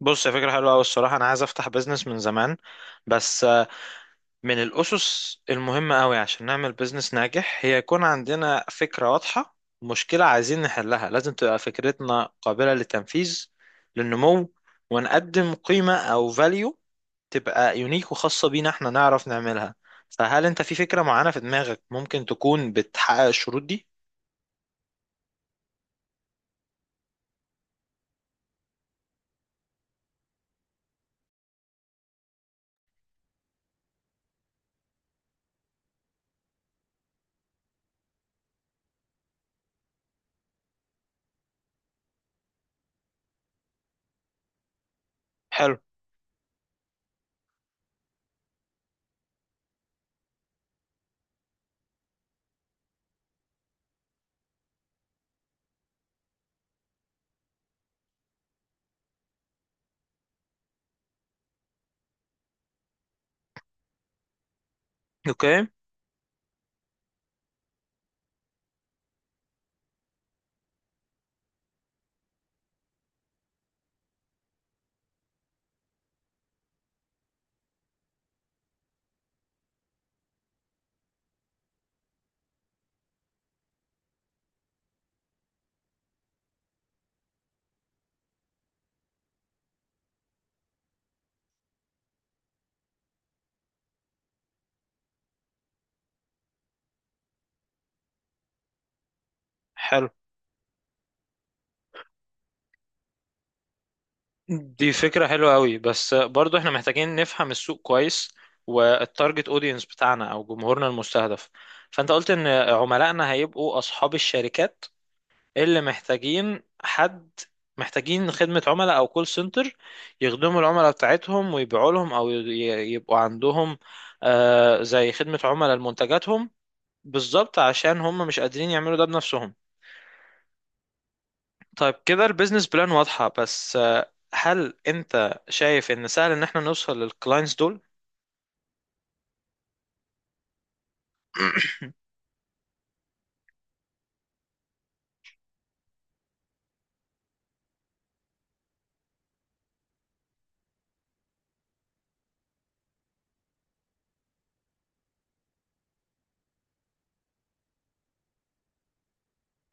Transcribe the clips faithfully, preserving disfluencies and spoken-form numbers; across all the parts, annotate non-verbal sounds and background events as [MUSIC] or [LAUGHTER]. بص، يا فكرة حلوة أوي الصراحة. أنا عايز أفتح بيزنس من زمان، بس آه، من الأسس المهمة أوي عشان نعمل بيزنس ناجح هي يكون عندنا فكرة واضحة، مشكلة عايزين نحلها. لازم تبقى فكرتنا قابلة للتنفيذ، للنمو، ونقدم قيمة أو فاليو، تبقى يونيك وخاصة بينا، احنا نعرف نعملها. فهل أنت في فكرة معينة في دماغك ممكن تكون بتحقق الشروط دي؟ حلو. أوكي. حلو، دي فكرة حلوة قوي، بس برضو احنا محتاجين نفهم السوق كويس، والتارجت اودينس بتاعنا او جمهورنا المستهدف. فانت قلت ان عملائنا هيبقوا اصحاب الشركات اللي محتاجين حد، محتاجين خدمة عملاء او كول سنتر، يخدموا العملاء بتاعتهم ويبيعوا لهم، او ي- يبقوا عندهم آه، زي خدمة عملاء لمنتجاتهم. بالظبط، عشان هم مش قادرين يعملوا ده بنفسهم. طيب، كده البيزنس بلان واضحة، بس آه، هل انت شايف ان سهل ان احنا نوصل للكلاينتس دول؟ [CLEARS THROAT]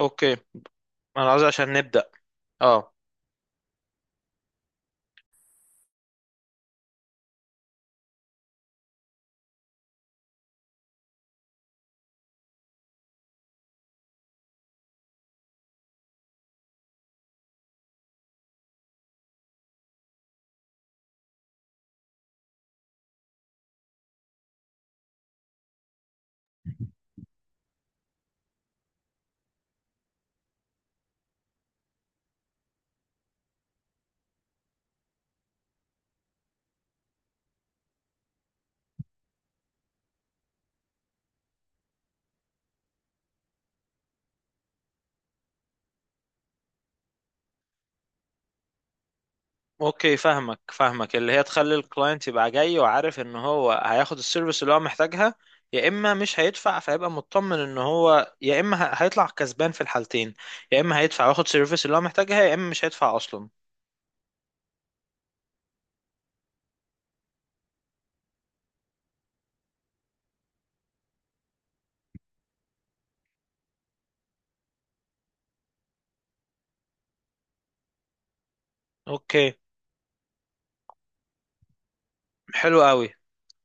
اوكي، انا عاوز عشان نبدأ. اه. اوكي، فاهمك فاهمك، اللي هي تخلي الكلاينت يبقى جاي وعارف ان هو هياخد السيرفيس اللي هو محتاجها، يا اما مش هيدفع، فيبقى مطمن ان هو يا اما ه- هيطلع كسبان في الحالتين. يا اما هيدفع وياخد سيرفيس اللي هو محتاجها، يا اما مش هيدفع اصلا. اوكي. حلو قوي.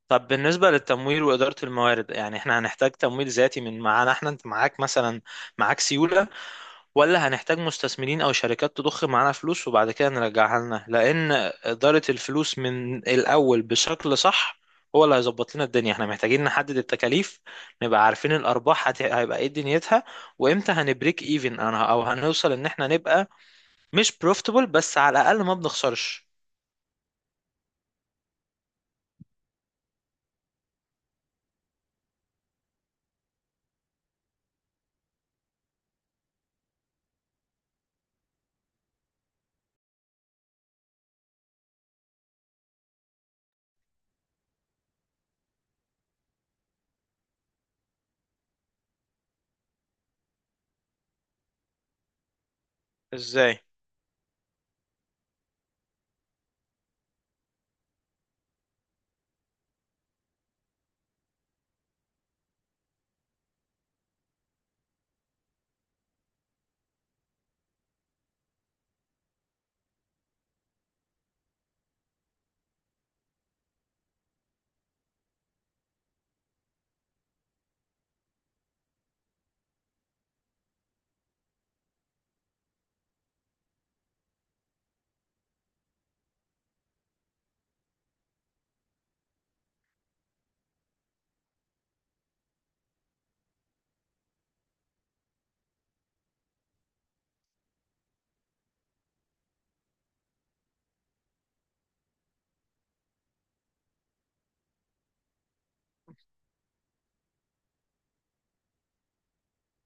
طب بالنسبة للتمويل وإدارة الموارد، يعني احنا هنحتاج تمويل ذاتي من معانا احنا؟ انت معاك مثلا، معاك سيولة؟ ولا هنحتاج مستثمرين أو شركات تضخ معانا فلوس وبعد كده نرجعها لنا؟ لأن إدارة الفلوس من الأول بشكل صح هو اللي هيظبط لنا الدنيا. احنا محتاجين نحدد التكاليف، نبقى عارفين الأرباح هت- هيبقى ايه دنيتها، وامتى هنبريك ايفن انا، او هنوصل ان احنا نبقى مش بروفيتبل بس على الأقل ما بنخسرش. ازاي؟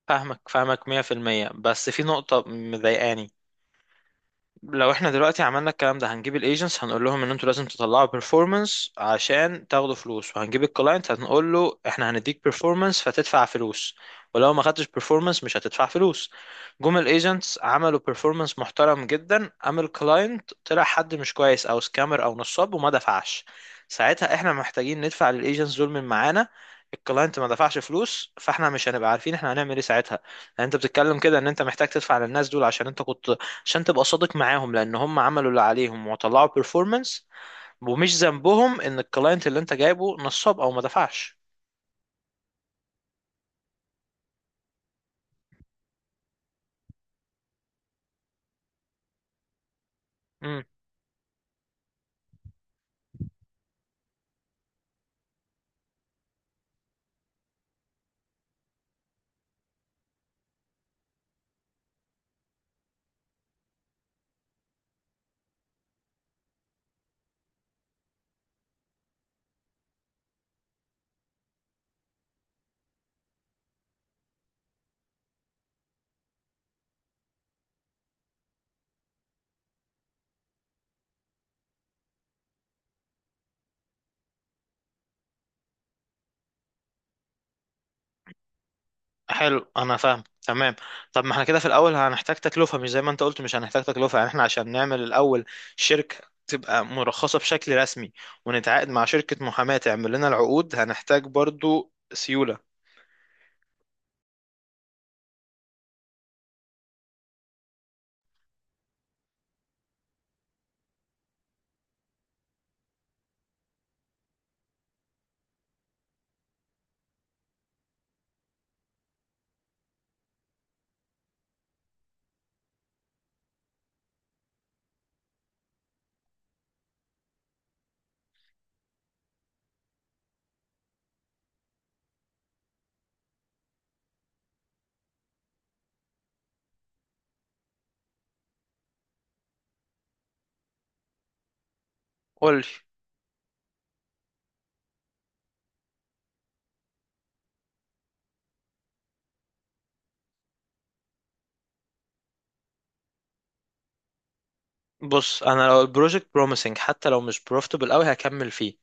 فاهمك فاهمك مئة في المئة، بس في نقطة مضايقاني. لو احنا دلوقتي عملنا الكلام ده، هنجيب الايجنتس هنقول لهم ان انتوا لازم تطلعوا بيرفورمانس عشان تاخدوا فلوس، وهنجيب الكلاينت هنقول له احنا هنديك بيرفورمانس فتدفع فلوس، ولو ما خدتش بيرفورمانس مش هتدفع فلوس. جم الايجنتس عملوا بيرفورمانس محترم جدا، قام الكلاينت طلع حد مش كويس او سكامر او نصاب وما دفعش. ساعتها احنا محتاجين ندفع للايجنتس دول من معانا. الكلاينت ما دفعش فلوس، فاحنا مش هنبقى عارفين احنا هنعمل ايه ساعتها. يعني انت بتتكلم كده ان انت محتاج تدفع للناس دول، عشان انت كنت، عشان تبقى صادق معاهم، لان هم عملوا اللي عليهم وطلعوا بيرفورمانس، ومش ذنبهم ان الكلاينت اللي انت جايبه نصاب او ما دفعش. امم. حلو، انا فاهم تمام. طب ما احنا كده في الاول هنحتاج تكلفه، مش زي ما انت قلت مش هنحتاج تكلفه. يعني احنا عشان نعمل الاول شركه تبقى مرخصه بشكل رسمي، ونتعاقد مع شركه محاماه تعمل لنا العقود، هنحتاج برضو سيوله. قول لي. بص، انا لو البروجكت بروميسنج حتى لو مش بروفيتبل قوي هكمل فيه،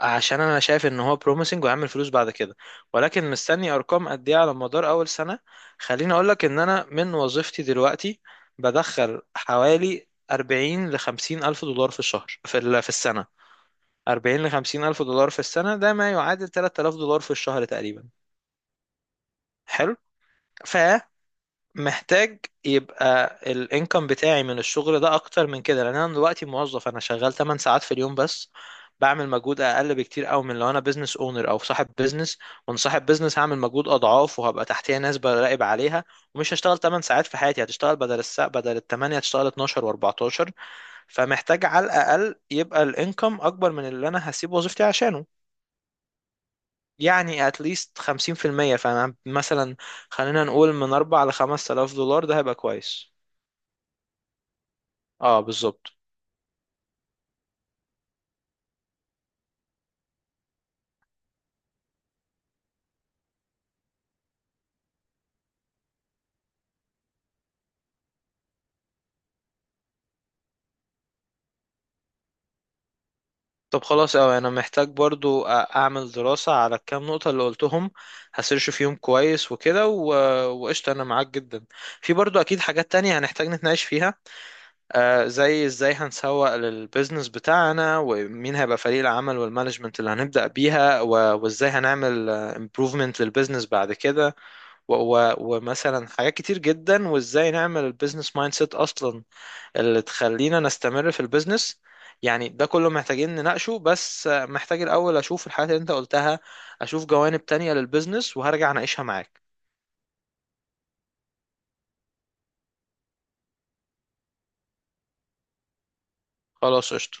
عشان انا شايف ان هو بروميسنج وهيعمل فلوس بعد كده. ولكن مستني ارقام قد ايه على مدار اول سنه. خليني اقول لك ان انا من وظيفتي دلوقتي بدخل حوالي اربعين ل خمسين الف دولار في الشهر، في ال- في السنه. اربعين ل خمسين الف دولار في السنه ده ما يعادل تلاتة الاف دولار في الشهر تقريبا. حلو. ف محتاج يبقى الانكم بتاعي من الشغل ده اكتر من كده، لان انا دلوقتي موظف، انا شغال ثماني ساعات في اليوم بس، بعمل مجهود اقل بكتير قوي من لو انا بزنس اونر او صاحب بزنس. وانا صاحب بزنس هعمل مجهود اضعاف، وهبقى تحتيه ناس براقب عليها، ومش هشتغل ثماني ساعات في حياتي، هتشتغل بدل الساعة، بدل ال ثمانية هتشتغل اثني عشر واربعتاشر. فمحتاج على الاقل يبقى الانكم اكبر من اللي انا هسيب وظيفتي عشانه. يعني اتليست خمسين في المية. فانا مثلا، خلينا نقول من اربعة ل خمسة الاف دولار، ده هيبقى كويس. اه، بالظبط. طب خلاص، اوي انا محتاج برضو أ- اعمل دراسة على الكام نقطة اللي قلتهم، هسيرش فيهم كويس وكده، و- وقشطة، انا معاك جدا. في برضو اكيد حاجات تانية هنحتاج نتناقش فيها، آه زي ازاي هنسوق للبيزنس بتاعنا، ومين هيبقى فريق العمل والمانجمنت اللي هنبدأ بيها، و- وازاي هنعمل امبروفمنت للبيزنس بعد كده، و- و- ومثلا حاجات كتير جدا، وازاي نعمل البيزنس مايند سيت اصلا اللي تخلينا نستمر في البيزنس. يعني ده كله محتاجين نناقشه، بس محتاج الأول أشوف الحاجات اللي أنت قلتها، أشوف جوانب تانية للبيزنس وهرجع أناقشها معاك. خلاص، قشطة.